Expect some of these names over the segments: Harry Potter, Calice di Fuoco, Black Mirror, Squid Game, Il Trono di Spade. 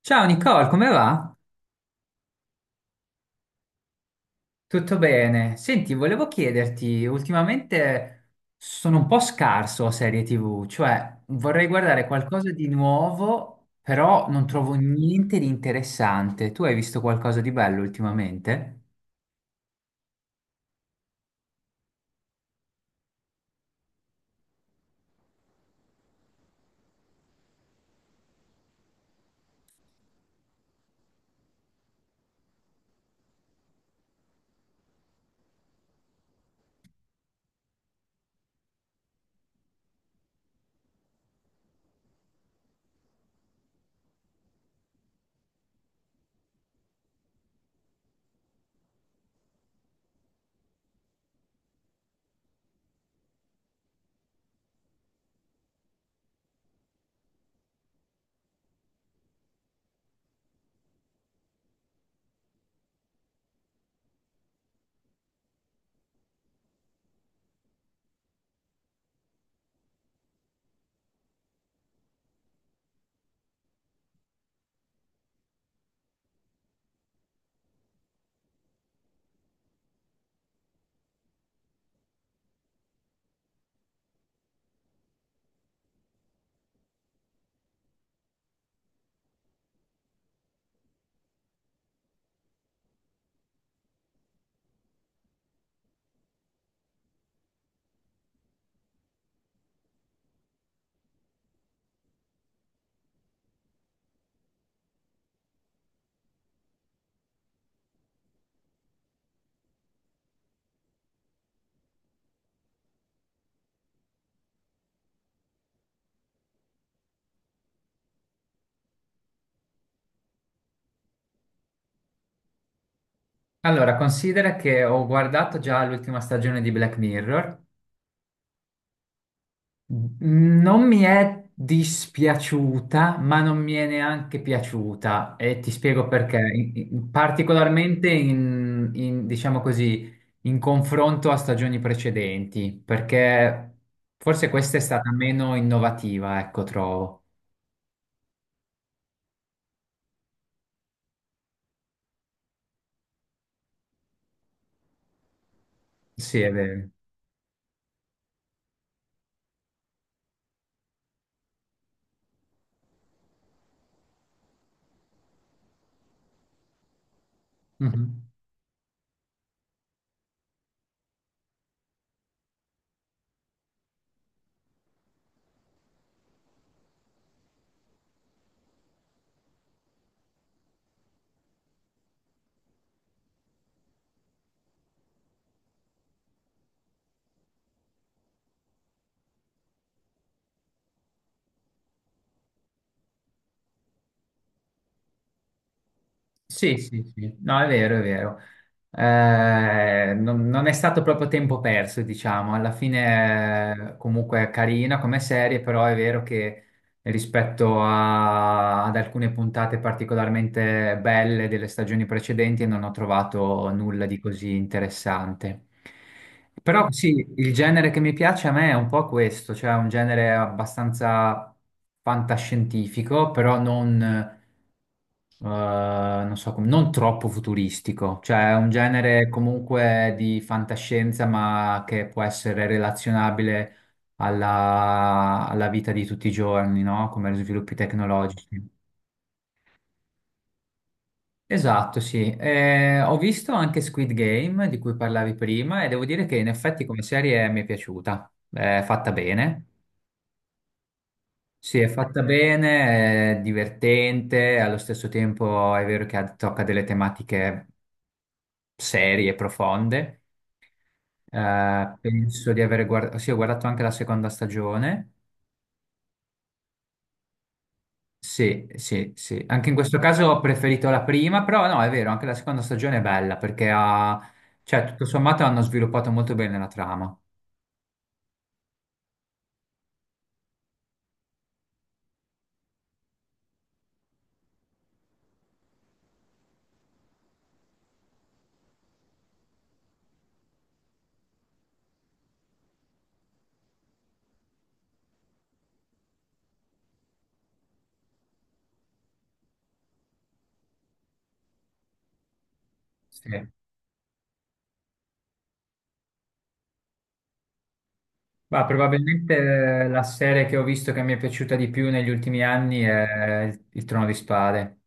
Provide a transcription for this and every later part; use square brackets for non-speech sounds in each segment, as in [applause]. Ciao Nicole, come va? Tutto bene? Senti, volevo chiederti, ultimamente sono un po' scarso a serie TV, cioè vorrei guardare qualcosa di nuovo, però non trovo niente di interessante. Tu hai visto qualcosa di bello ultimamente? Allora, considera che ho guardato già l'ultima stagione di Black Mirror. Non mi è dispiaciuta, ma non mi è neanche piaciuta e ti spiego perché. Particolarmente diciamo così, in confronto a stagioni precedenti, perché forse questa è stata meno innovativa, ecco, trovo. Sì, è vero. Mhm. Sì, sì, sì, no, è vero, è vero. Non è stato proprio tempo perso, diciamo. Alla fine, comunque, è carina come serie, però è vero che rispetto a- ad alcune puntate particolarmente belle delle stagioni precedenti non ho trovato nulla di così interessante. Però sì, il genere che mi piace a me è un po' questo, cioè un genere abbastanza fantascientifico, però non non so come- non troppo futuristico, cioè è un genere comunque di fantascienza, ma che può essere relazionabile alla vita di tutti i giorni, no? Come gli sviluppi tecnologici. Esatto, sì. Ho visto anche Squid Game, di cui parlavi prima, e devo dire che in effetti come serie mi è piaciuta. È fatta bene. Sì, è fatta bene, è divertente, allo stesso tempo è vero che ha- tocca delle tematiche serie, profonde. Penso di aver guardato, sì, ho guardato anche la seconda stagione. Sì, sì, sì. Anche in questo caso ho preferito la prima, però no, è vero, anche la seconda stagione è bella perché ha, cioè, tutto sommato hanno sviluppato molto bene la trama. Sì. Ma probabilmente la serie che ho visto che mi è piaciuta di più negli ultimi anni è Il Trono di Spade.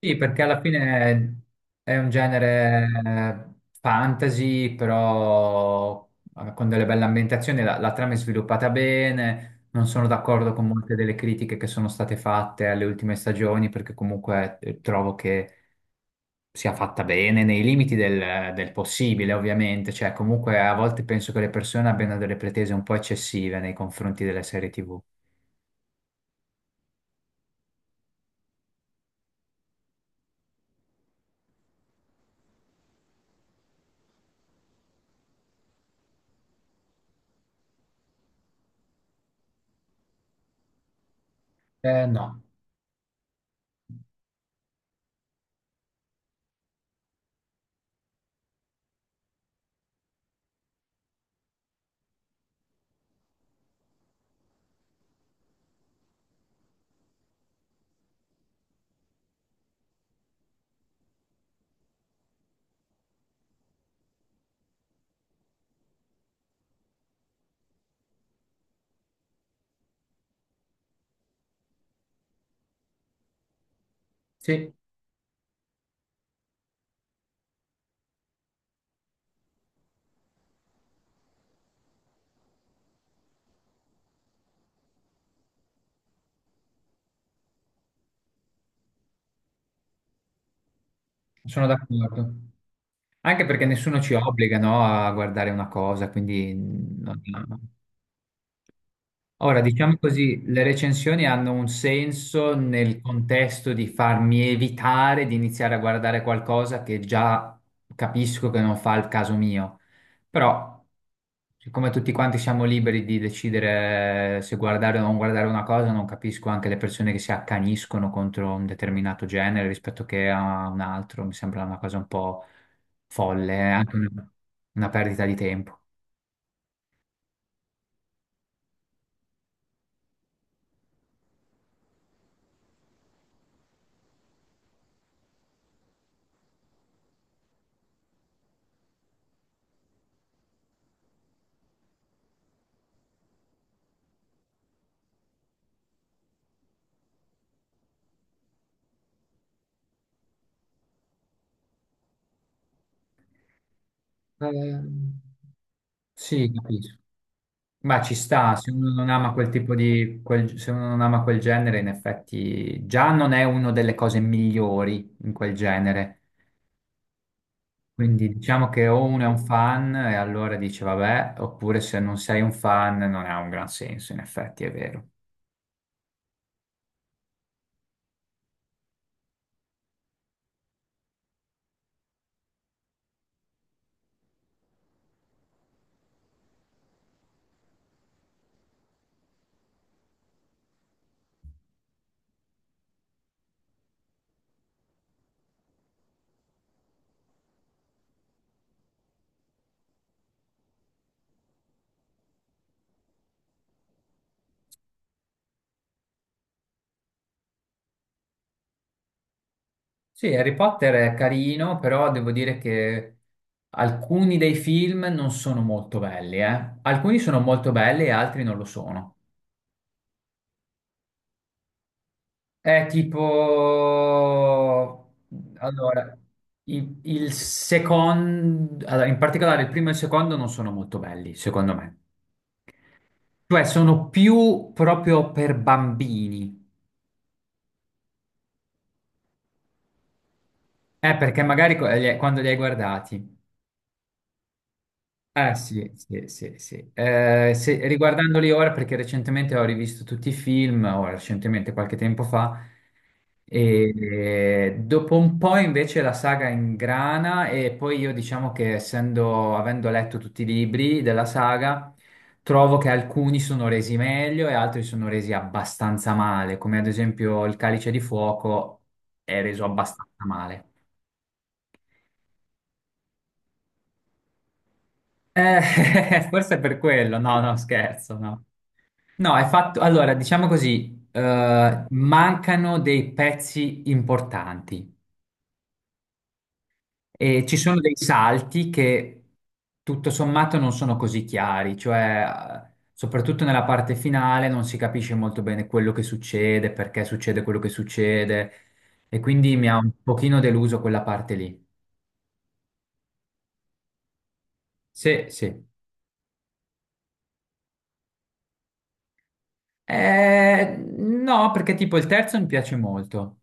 Sì, perché alla fine è un genere fantasy, però con delle belle ambientazioni, la trama è sviluppata bene, non sono d'accordo con molte delle critiche che sono state fatte alle ultime stagioni, perché comunque trovo che sia fatta bene nei limiti del possibile, ovviamente, cioè comunque a volte penso che le persone abbiano delle pretese un po' eccessive nei confronti delle serie TV. No, sì, sono d'accordo. Anche perché nessuno ci obbliga, no, a guardare una cosa, quindi non- no, ora, diciamo così, le recensioni hanno un senso nel contesto di farmi evitare di iniziare a guardare qualcosa che già capisco che non fa il caso mio. Però, siccome tutti quanti siamo liberi di decidere se guardare o non guardare una cosa, non capisco anche le persone che si accaniscono contro un determinato genere rispetto che a un altro. Mi sembra una cosa un po' folle, è anche una perdita di tempo. Ehm, Sì, capisco. Ma ci sta, se uno non ama quel tipo di, quel- se uno non ama quel genere, in effetti già non è una delle cose migliori in quel genere. Quindi diciamo che o uno è un fan e allora dice vabbè, oppure se non sei un fan non ha un gran senso, in effetti è vero. Sì, Harry Potter è carino, però devo dire che alcuni dei film non sono molto belli, eh. Alcuni sono molto belli e altri non lo sono. È tipo, allora, il secondo, allora, in particolare il primo e il secondo non sono molto belli, secondo me. Cioè, sono più proprio per bambini. Perché magari co- li- quando li hai guardati. Ah, sì, sì, sì, sì. Se- riguardandoli ora, perché recentemente ho rivisto tutti i film, o recentemente qualche tempo fa, e dopo un po' invece la saga ingrana e poi io diciamo che essendo, avendo letto tutti i libri della saga, trovo che alcuni sono resi meglio e altri sono resi abbastanza male, come ad esempio il Calice di Fuoco è reso abbastanza male. [laughs] Forse è per quello, no, no, scherzo, no. No, è fatto. Allora, diciamo così, mancano dei pezzi importanti e ci sono dei salti che tutto sommato non sono così chiari, cioè soprattutto nella parte finale non si capisce molto bene quello che succede, perché succede quello che succede e quindi mi ha un pochino deluso quella parte lì. Sì, sì. No, perché tipo il terzo mi piace molto.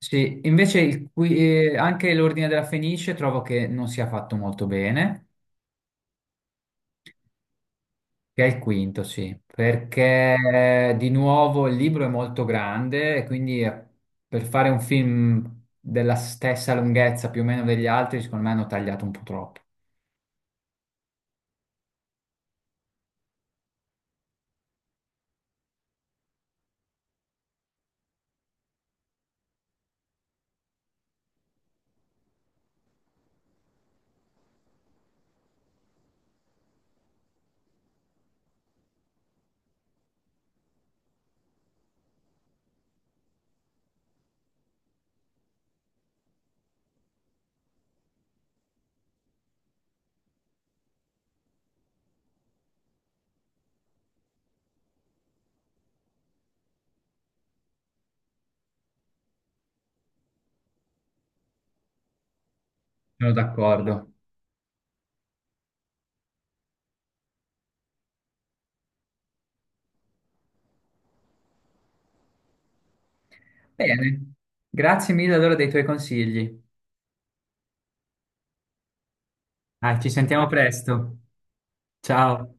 Sì, invece il qui- anche l'Ordine della Fenice trovo che non sia fatto molto bene, che è il quinto, sì, perché di nuovo il libro è molto grande e quindi per fare un film della stessa lunghezza più o meno degli altri, secondo me hanno tagliato un po' troppo. Sono d'accordo. Bene, grazie mille allora dei tuoi consigli. Dai, ci sentiamo presto. Ciao.